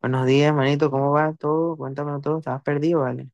Buenos días, manito, ¿cómo va todo? Cuéntame todo, estabas perdido, ¿vale?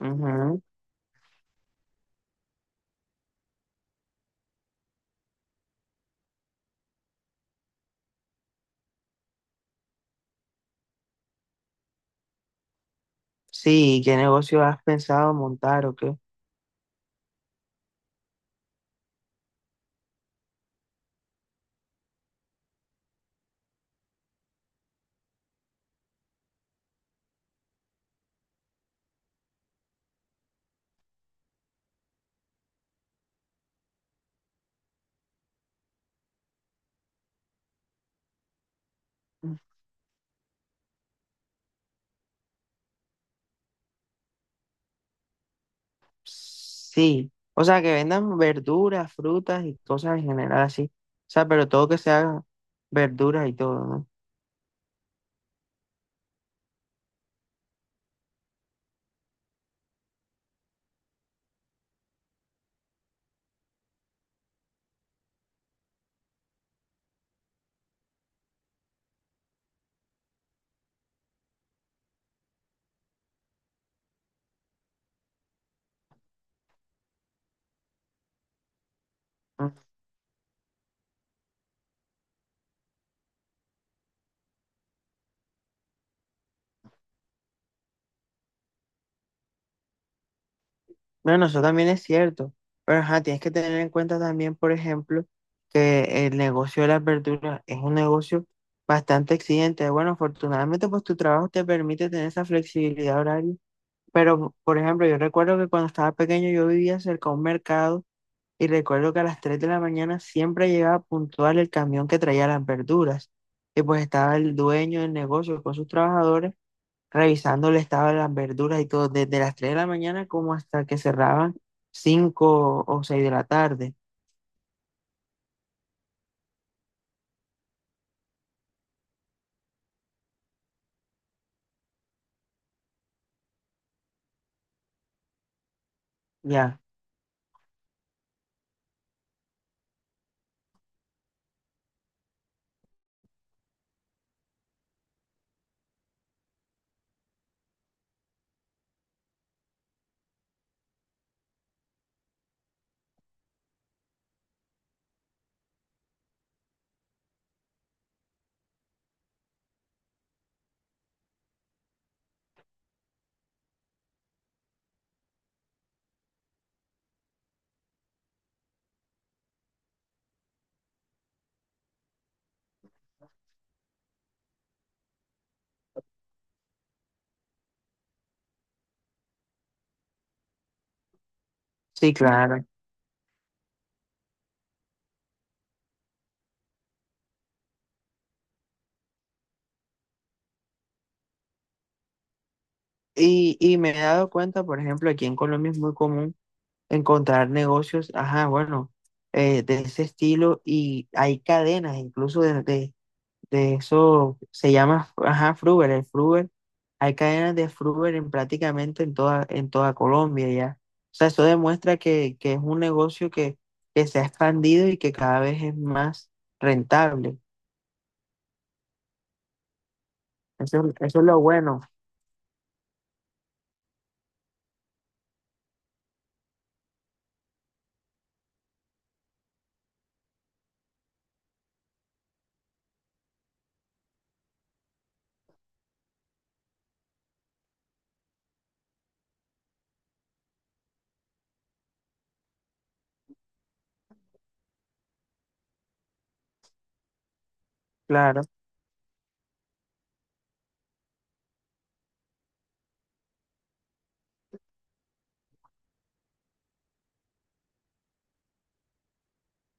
Ujú. Sí, ¿qué negocio has pensado montar o qué? Mm. Sí, o sea, que vendan verduras, frutas y cosas en general así. O sea, pero todo que sea verduras y todo, ¿no? Mm. Bueno, eso también es cierto, pero ajá, tienes que tener en cuenta también, por ejemplo, que el negocio de las verduras es un negocio bastante exigente. Bueno, afortunadamente, pues tu trabajo te permite tener esa flexibilidad horaria. Pero, por ejemplo, yo recuerdo que cuando estaba pequeño yo vivía cerca de un mercado y recuerdo que a las 3 de la mañana siempre llegaba puntual el camión que traía las verduras. Y pues estaba el dueño del negocio con sus trabajadores revisando el estado de las verduras y todo, desde las 3 de la mañana como hasta que cerraban 5 o 6 de la tarde. Ya, sí, claro. Y, me he dado cuenta, por ejemplo, aquí en Colombia es muy común encontrar negocios, ajá, bueno, de ese estilo y hay cadenas incluso de eso, se llama, ajá, Fruver, el Fruver, hay cadenas de Fruver en prácticamente en toda Colombia ya. O sea, eso demuestra que es un negocio que se ha expandido y que cada vez es más rentable. Eso es lo bueno, claro.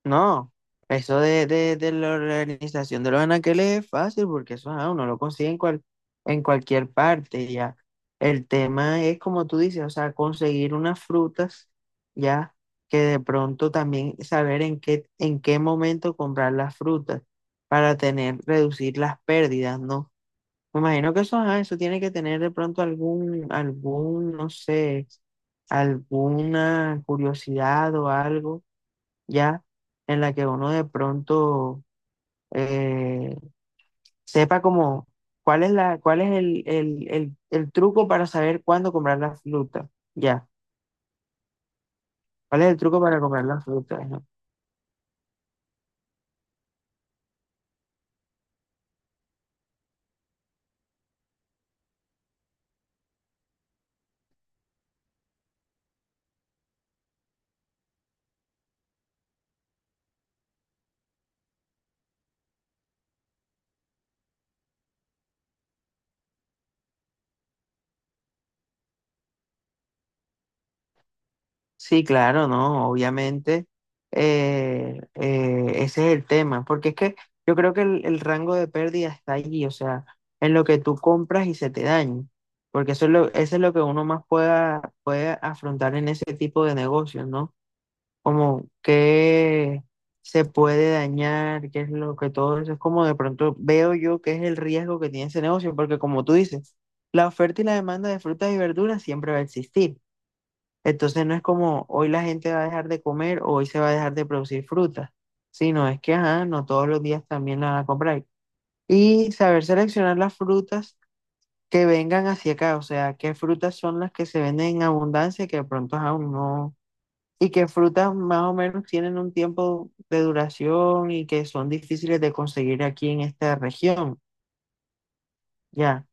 No, eso de la organización de los anaqueles es fácil porque eso ah, uno lo consigue en, cual, en cualquier parte, ya. El tema es, como tú dices, o sea, conseguir unas frutas, ya, que de pronto también saber en qué momento comprar las frutas para tener, reducir las pérdidas, ¿no? Me imagino que eso, ajá, eso tiene que tener de pronto algún, algún, no sé, alguna curiosidad o algo ya, en la que uno de pronto eh, sepa como cuál es la, cuál es el truco para saber cuándo comprar la fruta, ya, cuál es el truco para comprar la fruta, ¿no? Sí, claro, no, obviamente ese es el tema, porque es que yo creo que el rango de pérdida está allí, o sea, en lo que tú compras y se te daña. Porque eso es lo que uno más pueda, puede afrontar en ese tipo de negocios, ¿no? Como qué se puede dañar, qué es lo que todo eso es como de pronto veo yo que es el riesgo que tiene ese negocio, porque como tú dices, la oferta y la demanda de frutas y verduras siempre va a existir. Entonces no es como hoy la gente va a dejar de comer o hoy se va a dejar de producir frutas, sino es que, ajá, no todos los días también la van a comprar. Y saber seleccionar las frutas que vengan hacia acá, o sea, qué frutas son las que se venden en abundancia y que de pronto aún no y que frutas más o menos tienen un tiempo de duración y que son difíciles de conseguir aquí en esta región. Ya,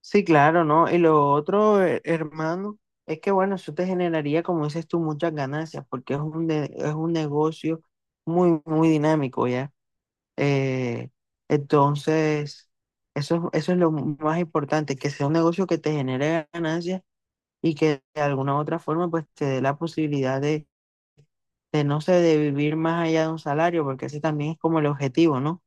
sí, claro, ¿no? Y lo otro, hermano, es que bueno, eso te generaría, como dices tú, muchas ganancias porque es un, es un negocio muy, muy dinámico, ¿ya? Eh, entonces, eso, eso es lo más importante, que sea un negocio que te genere ganancias y que de alguna u otra forma pues te dé la posibilidad de no sé, de vivir más allá de un salario, porque ese también es como el objetivo, ¿no?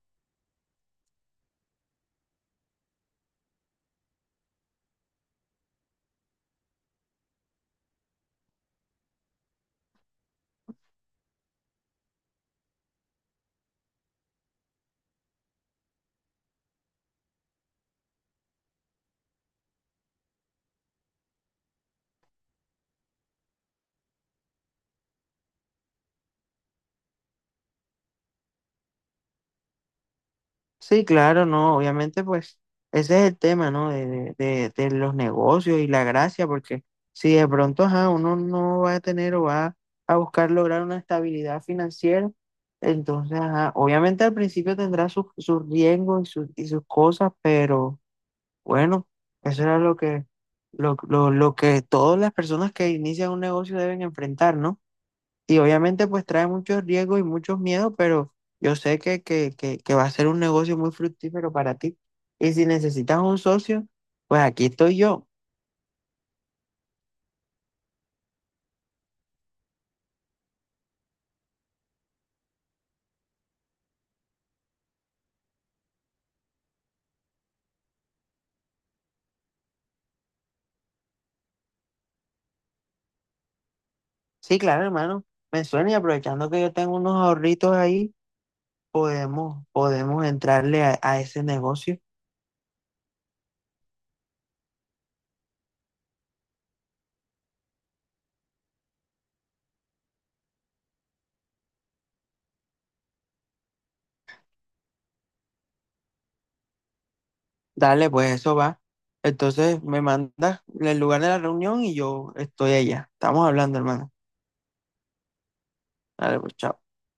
Sí, claro, no, obviamente pues ese es el tema, ¿no? De los negocios y la gracia, porque si de pronto, ajá, uno no va a tener o va a buscar lograr una estabilidad financiera, entonces, ajá, obviamente al principio tendrá sus, sus riesgos y sus cosas, pero bueno, eso era lo que, lo que todas las personas que inician un negocio deben enfrentar, ¿no? Y obviamente pues trae muchos riesgos y muchos miedos, pero yo sé que va a ser un negocio muy fructífero para ti. Y si necesitas un socio, pues aquí estoy yo. Sí, claro, hermano, me suena y aprovechando que yo tengo unos ahorritos ahí, podemos, podemos entrarle a ese negocio. Dale, pues eso va. Entonces me mandas el lugar de la reunión y yo estoy allá. Estamos hablando, hermano. Dale, pues chao.